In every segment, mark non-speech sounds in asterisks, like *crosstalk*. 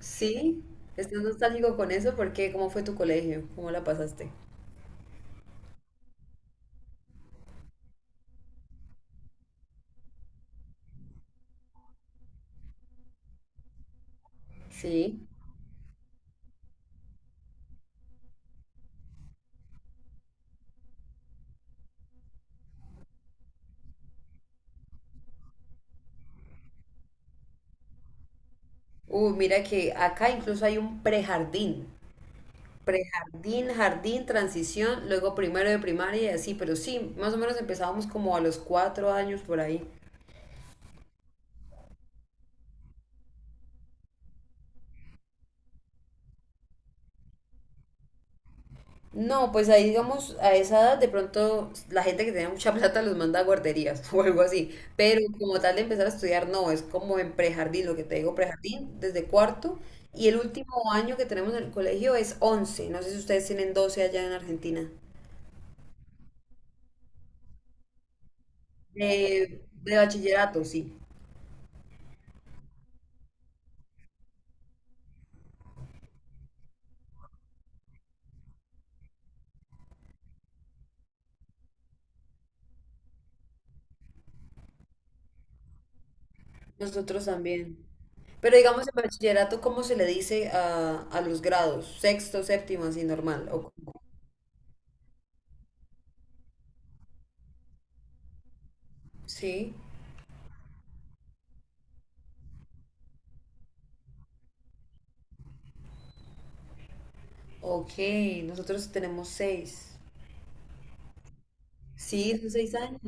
Sí, estás nostálgico con eso porque ¿cómo fue tu colegio? ¿Cómo la pasaste? Sí. Mira que acá incluso hay un prejardín. Prejardín, jardín, transición, luego primero de primaria y así, pero sí, más o menos empezábamos como a los 4 años por ahí. No, pues ahí digamos, a esa edad de pronto la gente que tiene mucha *laughs* plata los manda a guarderías *laughs* o algo así, pero como tal de empezar a estudiar no, es como en prejardín, lo que te digo, prejardín desde cuarto y el último año que tenemos en el colegio es 11. No sé si ustedes tienen 12 allá en Argentina, de bachillerato, sí, nosotros también, pero digamos en bachillerato, ¿cómo se le dice a los grados? Sexto, séptimo, así normal, o ¿cómo? Sí, ok, nosotros tenemos 6. Sí, son 6 años.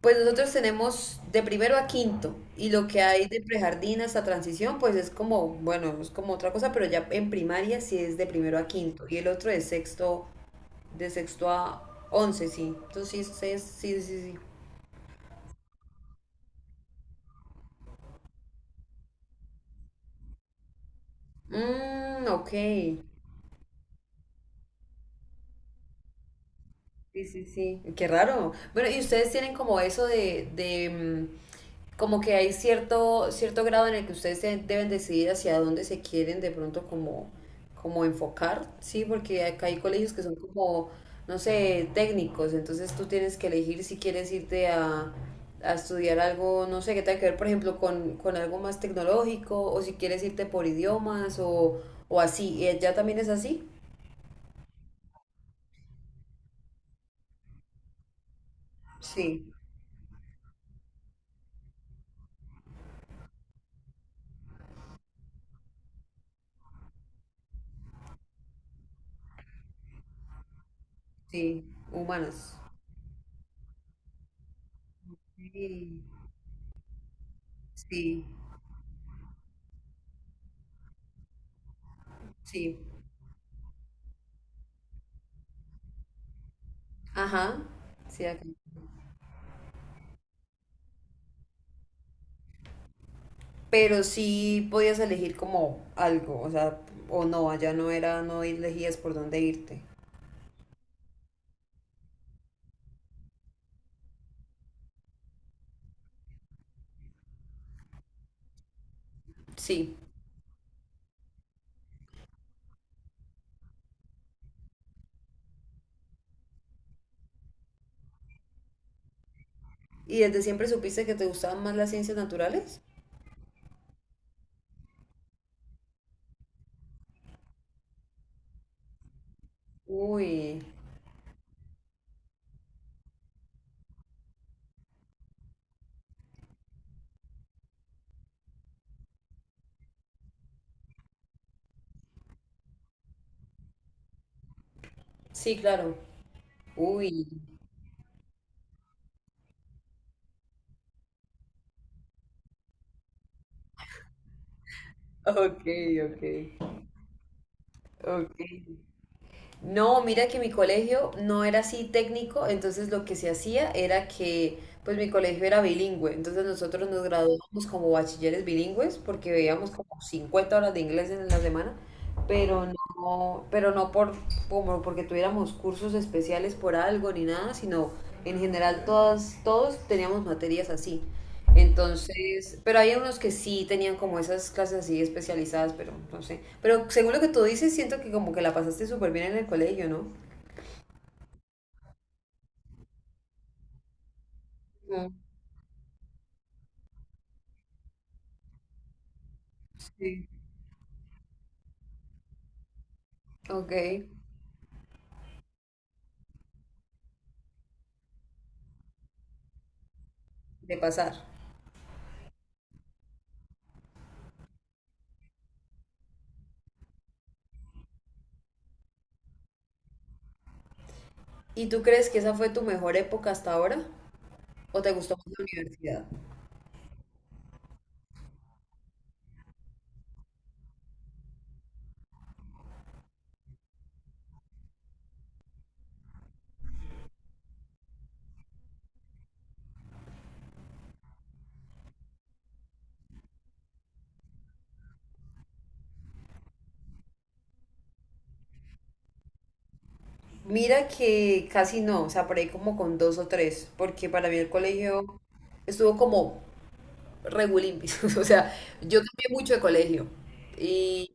Pues nosotros tenemos de primero a quinto y lo que hay de prejardín hasta transición, pues es como, bueno, es como otra cosa, pero ya en primaria sí es de primero a quinto y el otro de sexto a once, sí. Entonces sí, sí, sí, sí. Sí. Mm, ok. Sí, sí, sí. Qué raro. Bueno, ¿y ustedes tienen como eso mm, como que hay cierto grado en el que ustedes deben decidir hacia dónde se quieren de pronto como enfocar, ¿sí? Porque acá hay colegios que son como, no sé, técnicos, entonces tú tienes que elegir si quieres irte a estudiar algo, no sé, que tenga que ver, por ejemplo, con algo más tecnológico, o si quieres irte por idiomas, o así. ¿Y allá también es así? Sí, sí, humanas. Sí, sí, sí. Ajá, sí, acá. Pero sí podías elegir como algo, o sea, o no, allá no era, no elegías por dónde irte. Sí. ¿Y desde siempre supiste que te gustaban más las ciencias naturales? Uy, sí, claro. Uy. Ok, ok, ok. No, mira que mi colegio no era así técnico, entonces lo que se hacía era que, pues mi colegio era bilingüe, entonces nosotros nos graduábamos como bachilleres bilingües porque veíamos como 50 horas de inglés en la semana, pero no, por, como porque tuviéramos cursos especiales por algo ni nada, sino en general todos teníamos materias así. Entonces, pero hay unos que sí tenían como esas clases así especializadas, pero no sé. Pero según lo que tú dices, siento que como que la pasaste súper bien en el colegio, ¿no? Mm, sí. Ok, de pasar. ¿Y tú crees que esa fue tu mejor época hasta ahora? ¿O te gustó más la universidad? Mira que casi no, o sea, por ahí como con dos o tres, porque para mí el colegio estuvo como regulimpis. *laughs* O sea, yo cambié mucho de colegio. Y,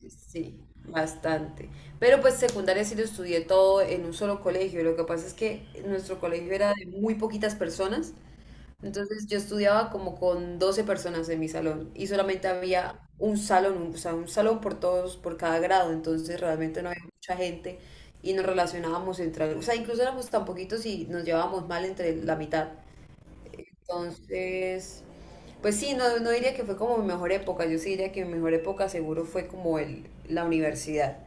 y sí, bastante. Pero pues secundaria sí lo estudié todo en un solo colegio. Lo que pasa es que nuestro colegio era de muy poquitas personas. Entonces yo estudiaba como con 12 personas en mi salón y solamente había un salón, o sea, un salón por todos, por cada grado. Entonces realmente no había mucha gente y nos relacionábamos entre, o sea, incluso éramos tan poquitos y nos llevábamos mal entre la mitad. Entonces, pues sí, no, no diría que fue como mi mejor época, yo sí diría que mi mejor época seguro fue como la universidad.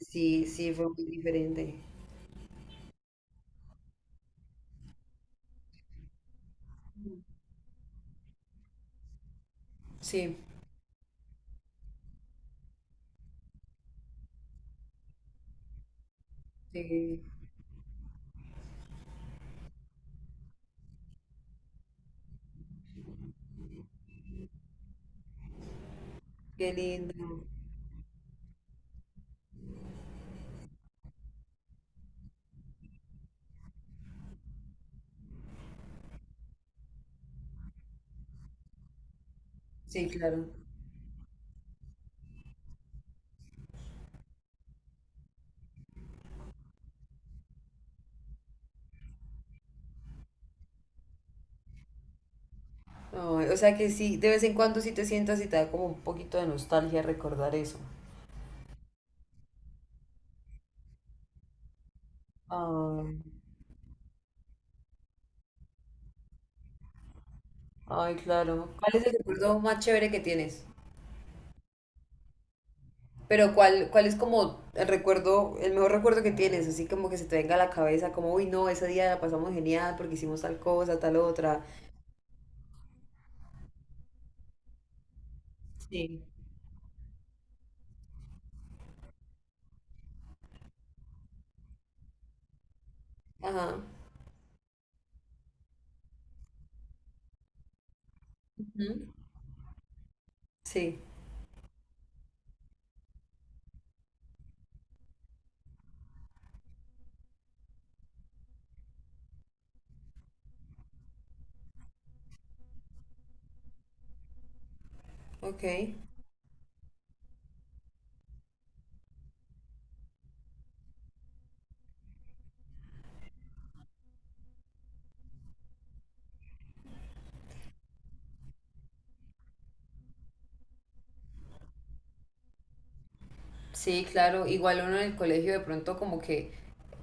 Sí, sí, fue muy diferente. Sí, sí, qué lindo. Sí, claro. Ay, o sea que sí, de vez en cuando sí te sientas y te da como un poquito de nostalgia recordar eso. Ay, ay, claro. ¿Cuál es el recuerdo más chévere que tienes? Pero ¿cuál es como el recuerdo, el mejor recuerdo que tienes? Así como que se te venga a la cabeza, como, uy, no, ese día la pasamos genial porque hicimos tal cosa, tal otra. Sí. Ajá. Ujú. Sí, ok. Sí, claro, igual uno en el colegio de pronto como que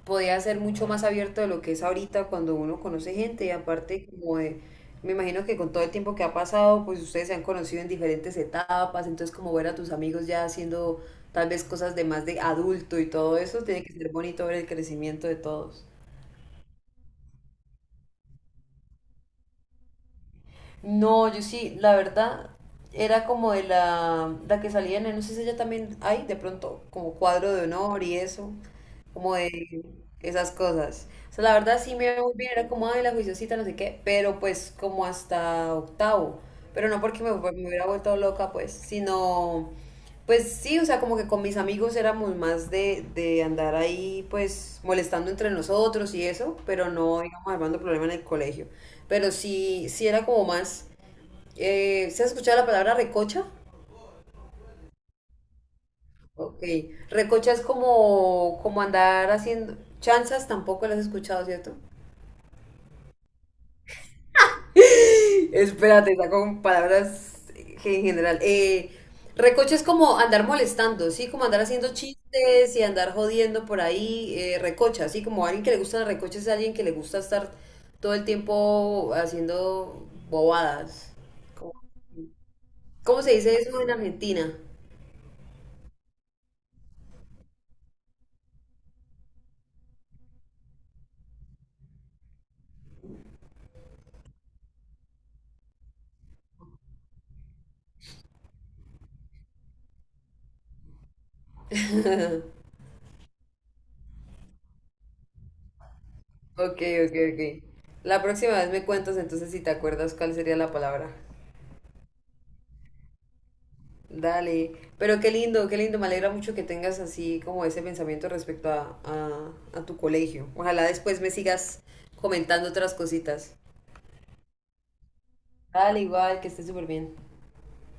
podía ser mucho más abierto de lo que es ahorita cuando uno conoce gente y aparte como de, me imagino que con todo el tiempo que ha pasado, pues ustedes se han conocido en diferentes etapas, entonces como ver a tus amigos ya haciendo tal vez cosas de más de adulto y todo eso, tiene que ser bonito ver el crecimiento de todos. No, yo sí, la verdad, era como de la que salía en, no sé si ella también hay, de pronto, como cuadro de honor y eso, como de esas cosas. O sea, la verdad sí me iba muy bien, era como, ay, la juiciosita, no sé qué, pero pues como hasta octavo, pero no porque me hubiera vuelto loca, pues, sino, pues sí, o sea, como que con mis amigos éramos más de andar ahí, pues, molestando entre nosotros y eso, pero no, digamos, armando problema en el colegio pero sí era como más. ¿Se ha escuchado la palabra recocha? Ok. Recocha es como andar haciendo. Chanzas tampoco las has escuchado, ¿cierto? *laughs* Espérate, está con palabras en general. Recocha es como andar molestando, ¿sí? Como andar haciendo chistes y andar jodiendo por ahí. Recocha, ¿sí? Como alguien que le gusta la recocha es alguien que le gusta estar todo el tiempo haciendo bobadas. ¿Cómo, cómo se dice eso en Argentina? Ok, ok, ok. La próxima vez me cuentas entonces si te acuerdas cuál sería la palabra. Dale. Pero qué lindo, qué lindo. Me alegra mucho que tengas así como ese pensamiento respecto a, tu colegio. Ojalá después me sigas comentando otras cositas. Dale, igual, que estés súper bien.